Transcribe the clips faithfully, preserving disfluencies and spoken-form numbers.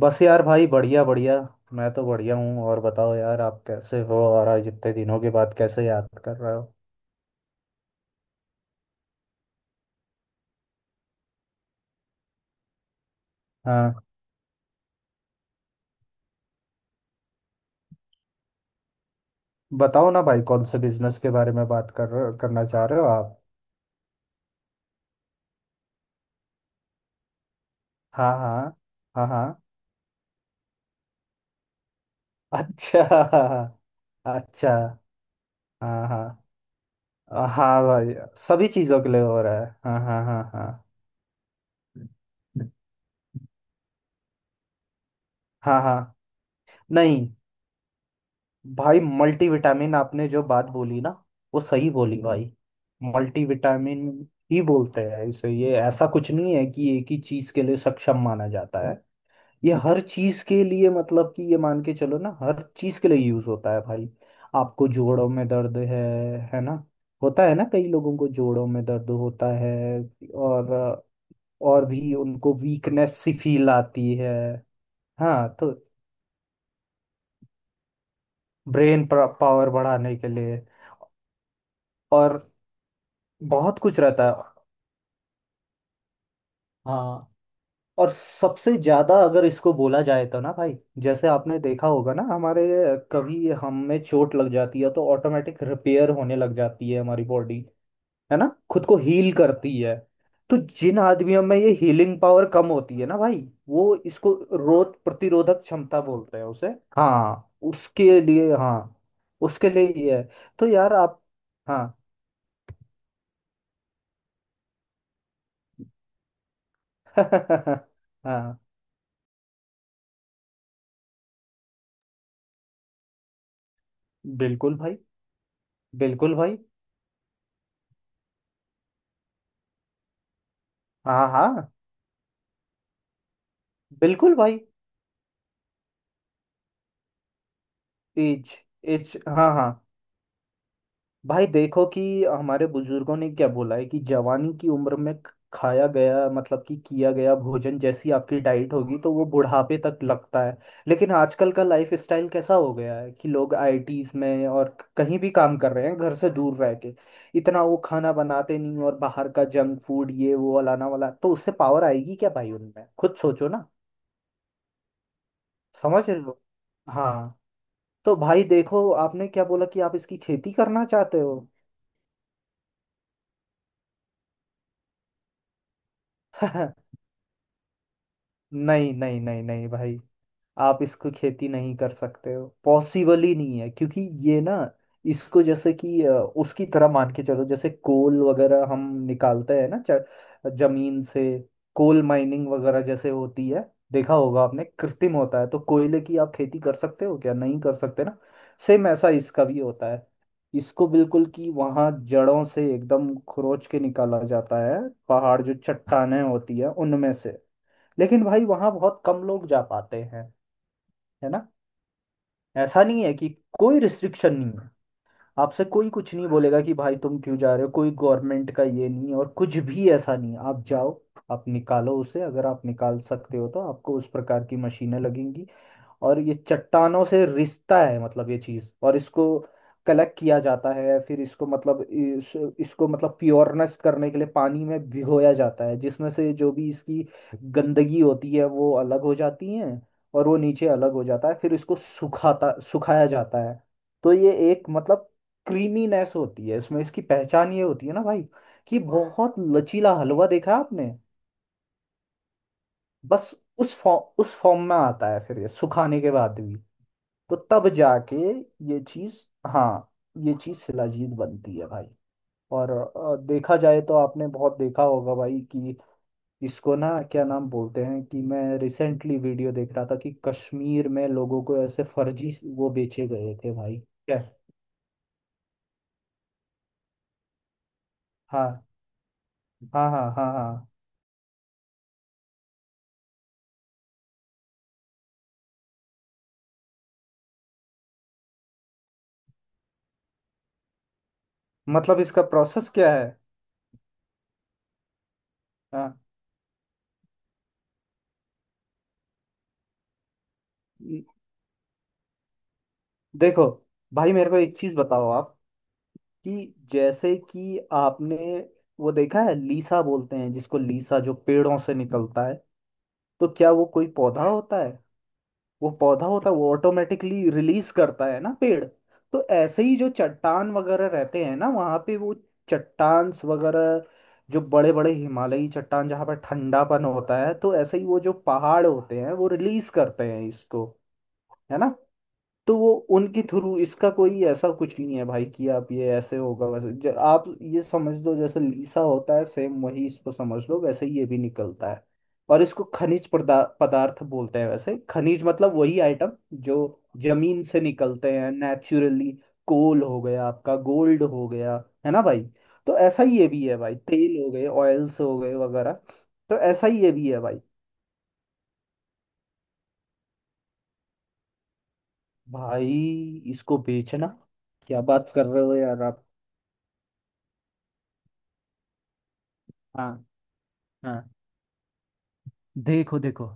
बस यार भाई बढ़िया बढ़िया। मैं तो बढ़िया हूँ। और बताओ यार, आप कैसे हो और आज इतने दिनों के बाद कैसे याद कर रहे हो? हाँ, बताओ ना भाई, कौन से बिजनेस के बारे में बात कर रहे- करना चाह रहे हो आप? हाँ हाँ हाँ हाँ। अच्छा। अच्छा। हाँ हाँ। हाँ भाई, सभी चीज़ों के लिए हो रहा है। हाँ हाँ हाँ हाँ। हाँ हाँ। नहीं भाई, मल्टीविटामिन आपने जो बात बोली ना, वो सही बोली भाई। मल्टीविटामिन ही बोलते हैं इसे। ये ऐसा कुछ नहीं है कि एक ही चीज के लिए सक्षम माना जाता है। ये हर चीज के लिए मतलब कि ये मान के चलो ना, हर चीज के लिए यूज होता है भाई। आपको जोड़ों में दर्द है है ना? होता है ना, कई लोगों को जोड़ों में दर्द होता है। और और भी उनको वीकनेस सी फील आती है। हाँ तो ब्रेन पावर बढ़ाने के लिए और बहुत कुछ रहता है। हाँ, और सबसे ज्यादा अगर इसको बोला जाए तो ना भाई, जैसे आपने देखा होगा ना हमारे, कभी हमें चोट लग जाती है तो ऑटोमेटिक रिपेयर होने लग जाती है हमारी बॉडी, है ना? खुद को हील करती है। तो जिन आदमियों में ये हीलिंग पावर कम होती है ना भाई, वो इसको रोग प्रतिरोधक क्षमता बोलते हैं उसे। हाँ उसके लिए, हाँ उसके लिए ये है। तो यार आप, हाँ। हाँ, बिल्कुल भाई। बिल्कुल भाई। हाँ हाँ। बिल्कुल भाई। एज। एज। हाँ हाँ। भाई देखो कि हमारे बुजुर्गों ने क्या बोला है कि जवानी की उम्र में ख- खाया गया मतलब कि किया गया भोजन जैसी आपकी डाइट होगी तो वो बुढ़ापे तक लगता है। लेकिन आजकल का लाइफ स्टाइल कैसा हो गया है कि लोग आईटीज में और कहीं भी काम कर रहे हैं घर से दूर रह के। इतना वो खाना बनाते नहीं और बाहर का जंक फूड ये वो अलाना वाला, तो उससे पावर आएगी क्या भाई उनमें? खुद सोचो ना। समझ रहे हो? हाँ। तो भाई देखो, आपने क्या बोला कि आप इसकी खेती करना चाहते हो? नहीं नहीं नहीं नहीं भाई, आप इसको खेती नहीं कर सकते हो, पॉसिबल ही नहीं है, क्योंकि ये ना, इसको जैसे कि अ, उसकी तरह मान के चलो जैसे कोल वगैरह हम निकालते हैं ना, च- जमीन से, कोल माइनिंग वगैरह जैसे होती है, देखा होगा आपने। कृत्रिम होता है, तो कोयले की आप खेती कर सकते हो क्या? नहीं कर सकते ना। सेम ऐसा इसका भी होता है। इसको बिल्कुल कि वहाँ जड़ों से एकदम खरोच के निकाला जाता है, पहाड़ जो चट्टानें होती है उनमें से। लेकिन भाई वहाँ बहुत कम लोग जा पाते हैं, है ना? ऐसा नहीं है कि कोई रिस्ट्रिक्शन नहीं है, आपसे कोई कुछ नहीं बोलेगा कि भाई तुम क्यों जा रहे हो, कोई गवर्नमेंट का ये नहीं है और कुछ भी ऐसा नहीं है, आप जाओ, आप निकालो उसे। अगर आप निकाल सकते हो तो आपको उस प्रकार की मशीनें लगेंगी, और ये चट्टानों से रिश्ता है मतलब ये चीज, और इसको कलेक्ट किया जाता है, फिर इसको मतलब इस, इसको मतलब प्योरनेस करने के लिए पानी में भिगोया जाता है, जिसमें से जो भी इसकी गंदगी होती है वो अलग हो जाती है, और वो नीचे अलग हो जाता है। फिर इसको सुखाता सुखाया जाता है। तो ये एक मतलब क्रीमीनेस होती है इसमें, इसकी पहचान ये होती है ना भाई, कि बहुत लचीला हलवा देखा है आपने, बस उस फॉर्म उस फॉर्म में आता है फिर ये सुखाने के बाद भी। तो तब जाके ये चीज, हाँ, ये चीज शिलाजीत बनती है भाई। और अ, देखा जाए तो आपने बहुत देखा होगा भाई कि इसको ना क्या नाम बोलते हैं, कि मैं रिसेंटली वीडियो देख रहा था कि कश्मीर में लोगों को ऐसे फर्जी वो बेचे गए थे भाई क्या। हाँ हाँ हाँ हाँ। हाँ, मतलब इसका प्रोसेस क्या है। हाँ देखो भाई, मेरे को एक चीज बताओ आप, कि जैसे कि आपने वो देखा है लीसा बोलते हैं जिसको, लीसा जो पेड़ों से निकलता है, तो क्या वो कोई पौधा होता है? वो पौधा होता है, वो ऑटोमेटिकली रिलीज करता है ना पेड़। तो ऐसे ही जो चट्टान वगैरह रहते हैं ना वहाँ पे, वो चट्टान वगैरह जो बड़े बड़े हिमालयी चट्टान जहाँ पर ठंडापन होता है, तो ऐसे ही वो जो पहाड़ होते हैं वो रिलीज करते हैं इसको, है ना? तो वो उनके थ्रू, इसका कोई ऐसा कुछ नहीं है भाई कि आप ये ऐसे होगा वैसे ज- आप ये समझ लो जैसे लीसा होता है, सेम वही इसको समझ लो, वैसे ही ये भी निकलता है। और इसको खनिज पदा, पदार्थ बोलते हैं वैसे। खनिज मतलब वही आइटम जो जमीन से निकलते हैं नेचुरली। कोल हो गया आपका, गोल्ड हो गया, है ना भाई? तो ऐसा ही ये भी है भाई, तेल हो गए, ऑयल्स हो गए वगैरह, तो ऐसा ही ये भी है भाई। भाई इसको बेचना, क्या बात कर रहे हो यार आप। हाँ हाँ। देखो देखो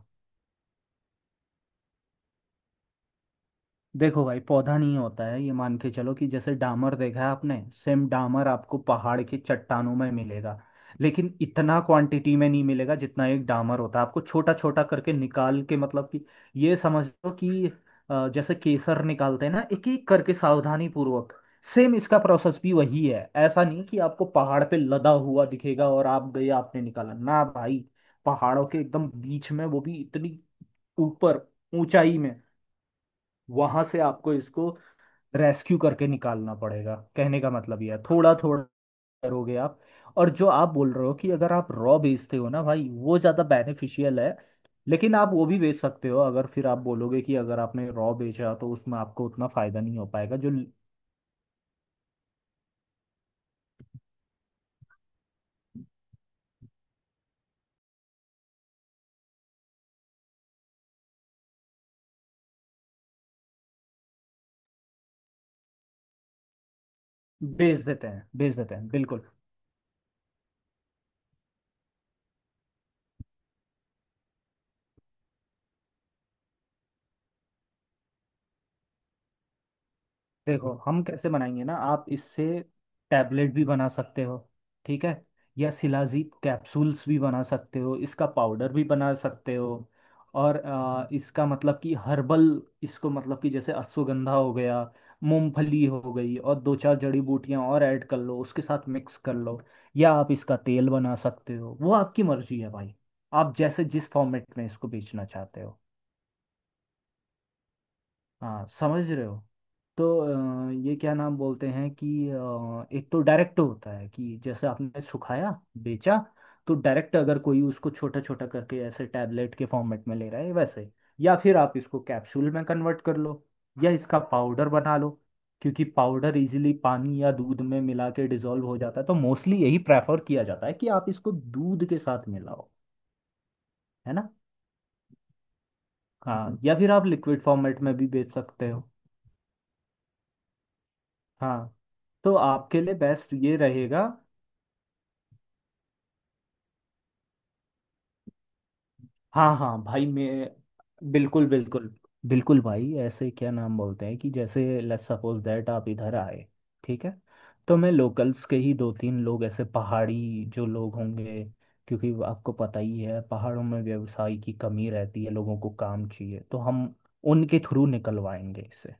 देखो भाई, पौधा नहीं होता है ये, मान के चलो कि जैसे डामर देखा है आपने, सेम डामर आपको पहाड़ के चट्टानों में मिलेगा, लेकिन इतना क्वांटिटी में नहीं मिलेगा जितना एक डामर होता है। आपको छोटा छोटा करके निकाल के, मतलब कि ये समझ लो कि अ, जैसे केसर निकालते हैं ना एक एक करके सावधानी पूर्वक, सेम इसका प्रोसेस भी वही है। ऐसा नहीं कि आपको पहाड़ पे लदा हुआ दिखेगा और आप गए आपने निकाला, ना भाई। पहाड़ों के एकदम बीच में, वो भी इतनी ऊपर ऊंचाई में, वहां से आपको इसको रेस्क्यू करके निकालना पड़ेगा, कहने का मतलब यह है। थोड़ा थोड़ा करोगे आप। और जो आप बोल रहे हो कि अगर आप रॉ बेचते हो ना भाई, वो ज़्यादा बेनिफिशियल है, लेकिन आप वो भी बेच सकते हो, अगर फिर आप बोलोगे कि अगर आपने रॉ बेचा तो उसमें आपको उतना फायदा नहीं हो पाएगा जो, बेच देते हैं बेच देते हैं बिल्कुल। देखो, हम कैसे बनाएंगे ना, आप इससे टैबलेट भी बना सकते हो, ठीक है? या शिलाजीत कैप्सूल्स भी बना सकते हो, इसका पाउडर भी बना सकते हो, और आ, इसका मतलब कि हर्बल, इसको मतलब कि जैसे अश्वगंधा हो गया, मूंगफली हो गई, और दो चार जड़ी बूटियां और ऐड कर लो, उसके साथ मिक्स कर लो, या आप इसका तेल बना सकते हो, वो आपकी मर्जी है भाई, आप जैसे जिस फॉर्मेट में इसको बेचना चाहते हो। हाँ, समझ रहे हो। तो अ, ये क्या नाम बोलते हैं कि अ, एक तो डायरेक्ट होता है कि जैसे आपने सुखाया बेचा, तो डायरेक्ट अगर कोई उसको छोटा छोटा करके ऐसे टैबलेट के फॉर्मेट में ले रहा है वैसे, या फिर आप इसको कैप्सूल में कन्वर्ट कर लो, या इसका पाउडर बना लो, क्योंकि पाउडर इजीली पानी या दूध में मिला के डिजोल्व हो जाता है, तो मोस्टली यही प्रेफर किया जाता है कि आप इसको दूध के साथ मिलाओ, है ना? हाँ, या फिर आप लिक्विड फॉर्मेट में भी बेच सकते हो। हाँ, तो आपके लिए बेस्ट ये रहेगा। हाँ हाँ भाई, मैं बिल्कुल बिल्कुल, बिल्कुल भाई। ऐसे क्या नाम बोलते हैं कि जैसे लेट्स सपोज दैट आप इधर आए, ठीक है? तो मैं लोकल्स के ही दो तीन लोग ऐसे पहाड़ी जो लोग होंगे, क्योंकि वो आपको पता ही है पहाड़ों में व्यवसाय की कमी रहती है, लोगों को काम चाहिए, तो हम उनके थ्रू निकलवाएंगे इसे।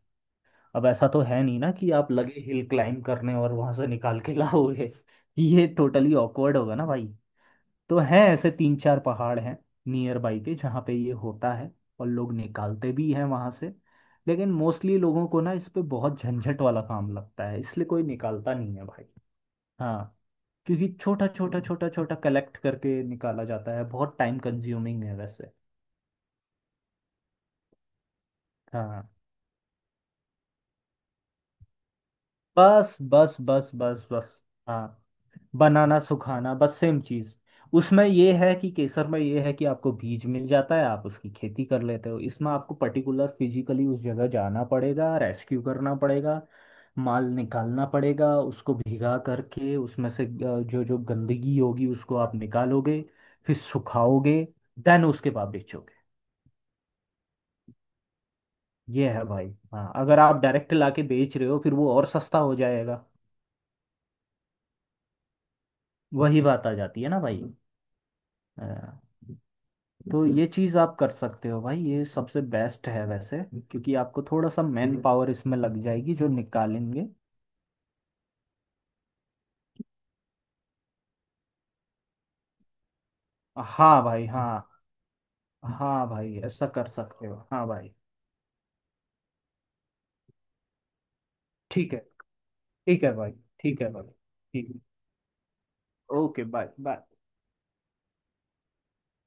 अब ऐसा तो है नहीं ना कि आप लगे हिल क्लाइंब करने और वहां से निकाल के लाओगे, ये टोटली ऑकवर्ड होगा ना भाई। तो हैं ऐसे तीन चार पहाड़ हैं नियर बाई के जहाँ पे ये होता है और लोग निकालते भी हैं वहाँ से, लेकिन मोस्टली लोगों को ना इस पे बहुत झंझट वाला काम लगता है, इसलिए कोई निकालता नहीं है भाई। हाँ, क्योंकि छोटा छोटा छोटा छोटा कलेक्ट करके निकाला जाता है, बहुत टाइम कंज्यूमिंग है वैसे। हाँ, बस बस बस बस बस। हाँ, बनाना सुखाना, बस सेम चीज। उसमें ये है कि केसर में ये है कि आपको बीज मिल जाता है, आप उसकी खेती कर लेते हो, इसमें आपको पर्टिकुलर फिजिकली उस जगह जाना पड़ेगा, रेस्क्यू करना पड़ेगा, माल निकालना पड़ेगा, उसको भीगा करके उसमें से अ, जो जो गंदगी होगी उसको आप निकालोगे, फिर सुखाओगे, देन उसके बाद बेचोगे। ये है भाई। हाँ, अगर आप डायरेक्ट लाके बेच रहे हो फिर वो और सस्ता हो जाएगा, वही बात आ जाती है ना भाई। हाँ, तो ये चीज़ आप कर सकते हो भाई, ये सबसे बेस्ट है वैसे, क्योंकि आपको थोड़ा सा मैन पावर इसमें लग जाएगी जो निकालेंगे। हाँ भाई। हाँ हाँ भाई, ऐसा कर सकते हो। हाँ भाई, ठीक है। ठीक है भाई। ठीक है भाई। ठीक है। Okay, bye bye.